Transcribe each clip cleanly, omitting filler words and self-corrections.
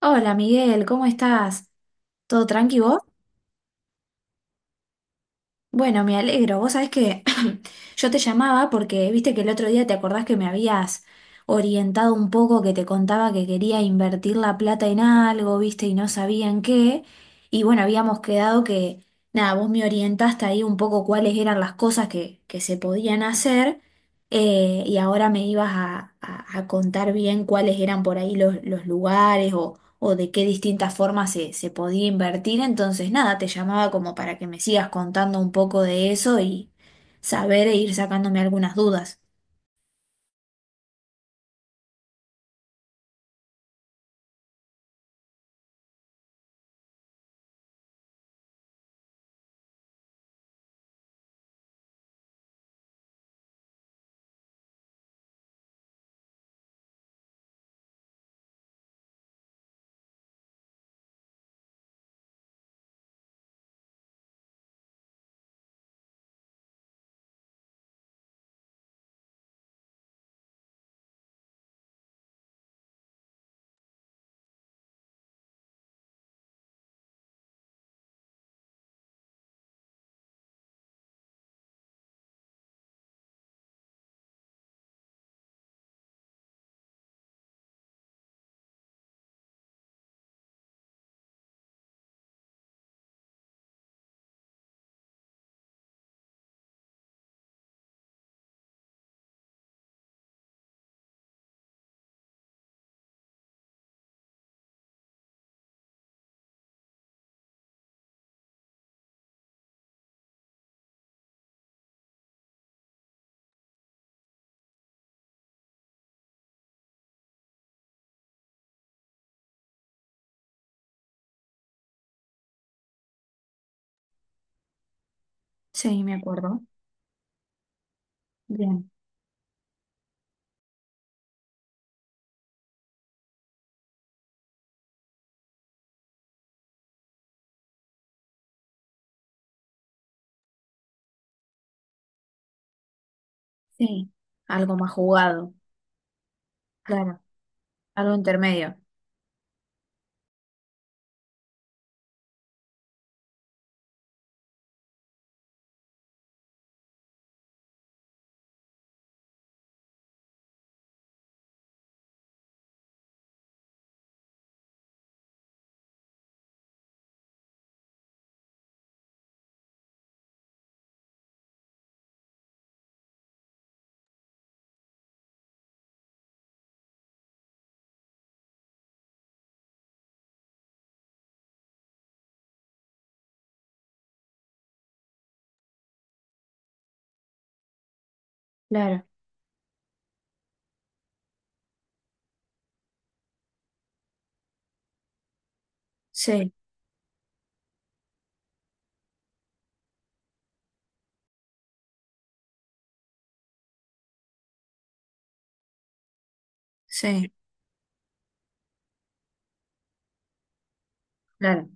Hola Miguel, ¿cómo estás? ¿Todo tranqui vos? Bueno, me alegro. Vos sabés que yo te llamaba porque viste que el otro día te acordás que me habías orientado un poco, que te contaba que quería invertir la plata en algo, viste, y no sabía en qué. Y bueno, habíamos quedado que, nada, vos me orientaste ahí un poco cuáles eran las cosas que se podían hacer y ahora me ibas a contar bien cuáles eran por ahí los lugares o de qué distintas formas se podía invertir. Entonces, nada, te llamaba como para que me sigas contando un poco de eso y saber e ir sacándome algunas dudas. Sí, me acuerdo. Bien, sí. Algo más jugado, claro. Algo intermedio, claro. Sí, sí, claro.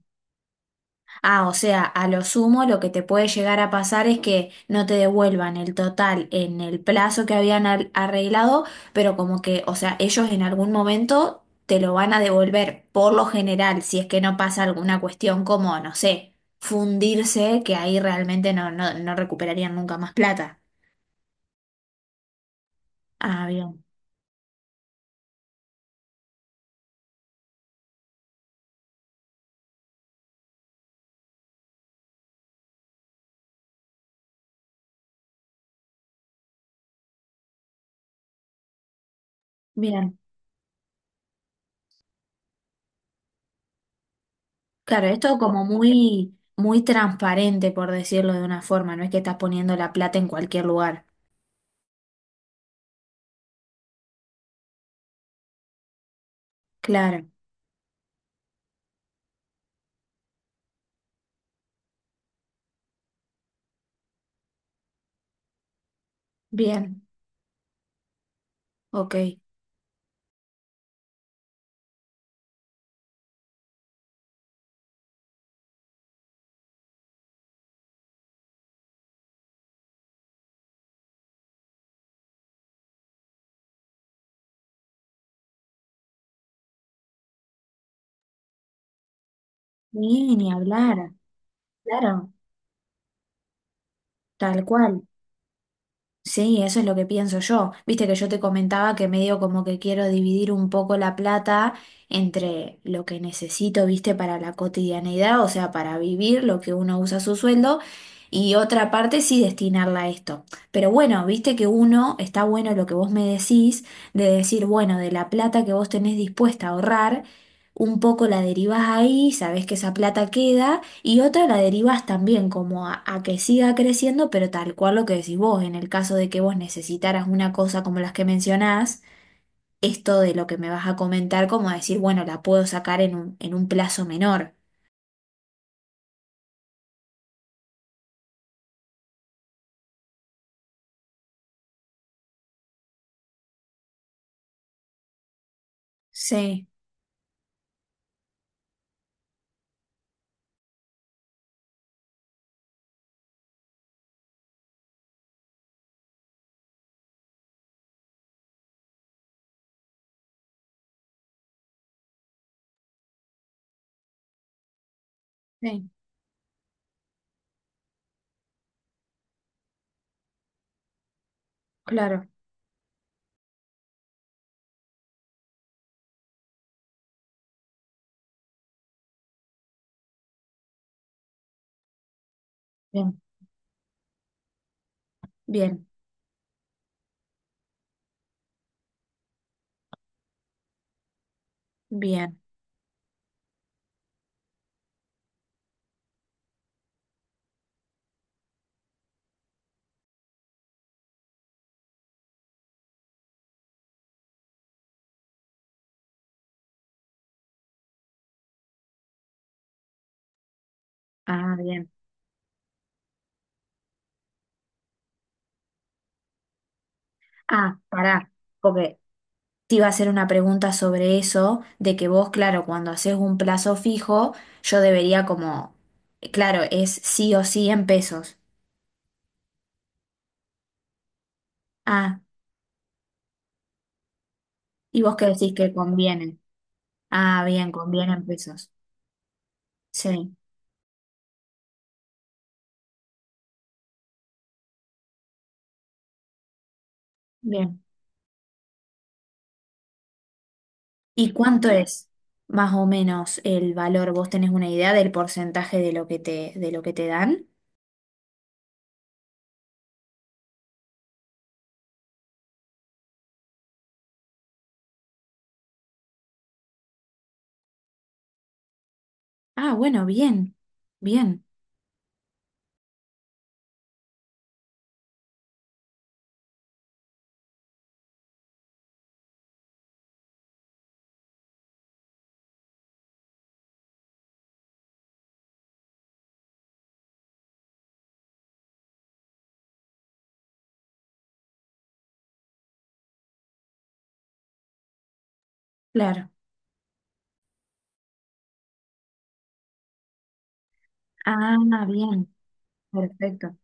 Ah, o sea, a lo sumo lo que te puede llegar a pasar es que no te devuelvan el total en el plazo que habían arreglado, pero como que, o sea, ellos en algún momento te lo van a devolver por lo general, si es que no pasa alguna cuestión como, no sé, fundirse, que ahí realmente no, no, no recuperarían nunca más plata. Ah, bien, bien. Claro, esto como muy, muy transparente, por decirlo de una forma, no es que estás poniendo la plata en cualquier lugar. Claro, bien, ok. Sí, ni hablar, claro, tal cual. Sí, eso es lo que pienso yo. Viste que yo te comentaba que medio como que quiero dividir un poco la plata entre lo que necesito, viste, para la cotidianidad, o sea, para vivir, lo que uno usa su sueldo, y otra parte sí destinarla a esto. Pero bueno, viste que uno, está bueno lo que vos me decís, de decir, bueno, de la plata que vos tenés dispuesta a ahorrar, un poco la derivás ahí, sabés que esa plata queda. Y otra la derivas también como a que siga creciendo, pero tal cual lo que decís vos, en el caso de que vos necesitaras una cosa como las que mencionás, esto de lo que me vas a comentar, como decir, bueno, la puedo sacar en un plazo menor. Sí, sí, claro. Bien, bien, bien. Ah, bien. Ah, pará, porque te iba a hacer una pregunta sobre eso, de que vos, claro, cuando haces un plazo fijo, yo debería como, claro, es sí o sí en pesos. Ah. ¿Y vos qué decís que conviene? Ah, bien, conviene en pesos. Sí, bien. ¿Y cuánto es más o menos el valor? ¿Vos tenés una idea del porcentaje de lo que te, de lo que te dan? Ah, bueno, bien, bien, claro. Ah, bien, perfecto.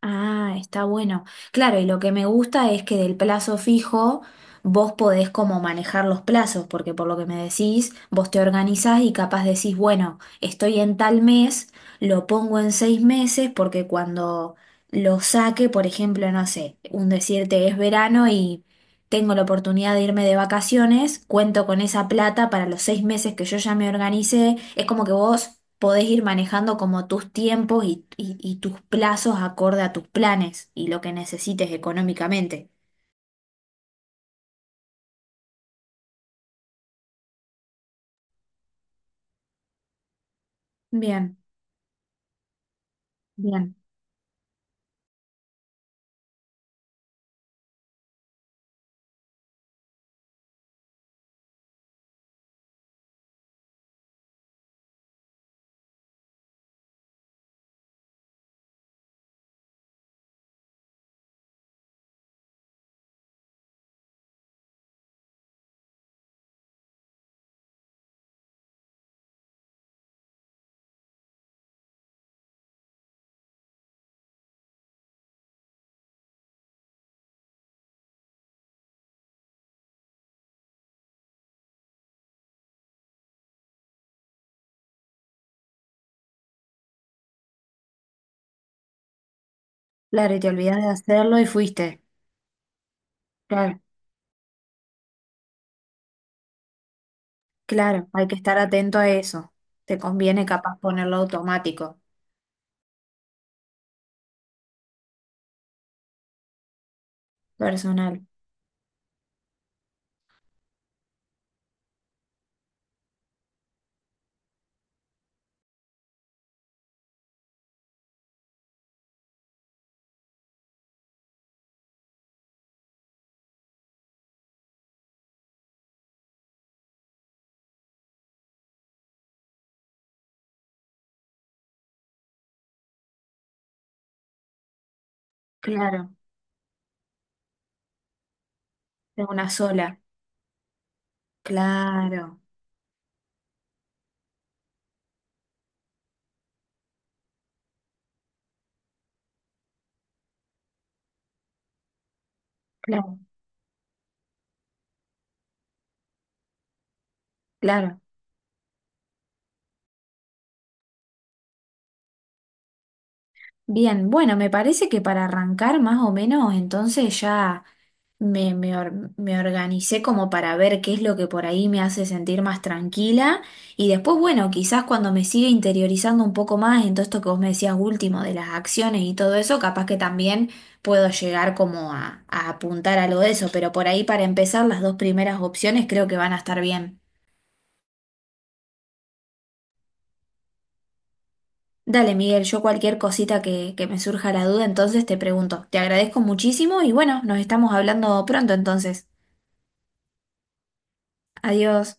Ah, está bueno. Claro, y lo que me gusta es que del plazo fijo vos podés como manejar los plazos, porque por lo que me decís, vos te organizás y capaz decís, bueno, estoy en tal mes, lo pongo en 6 meses, porque cuando lo saque, por ejemplo, no sé, un decirte es verano y tengo la oportunidad de irme de vacaciones, cuento con esa plata para los 6 meses que yo ya me organicé. Es como que vos podés ir manejando como tus tiempos y tus plazos acorde a tus planes y lo que necesites económicamente. Bien, bien. Claro, y te olvidás de hacerlo y fuiste. Claro, claro, hay que estar atento a eso. Te conviene capaz ponerlo automático, personal. Claro, de una sola. Claro, claro, claro. Bien, bueno, me parece que para arrancar más o menos, entonces ya me organicé como para ver qué es lo que por ahí me hace sentir más tranquila y después, bueno, quizás cuando me siga interiorizando un poco más en todo esto que vos me decías último de las acciones y todo eso, capaz que también puedo llegar como a apuntar algo de eso, pero por ahí para empezar las dos primeras opciones creo que van a estar bien. Dale, Miguel, yo cualquier cosita que me surja la duda, entonces te pregunto. Te agradezco muchísimo y bueno, nos estamos hablando pronto entonces. Adiós.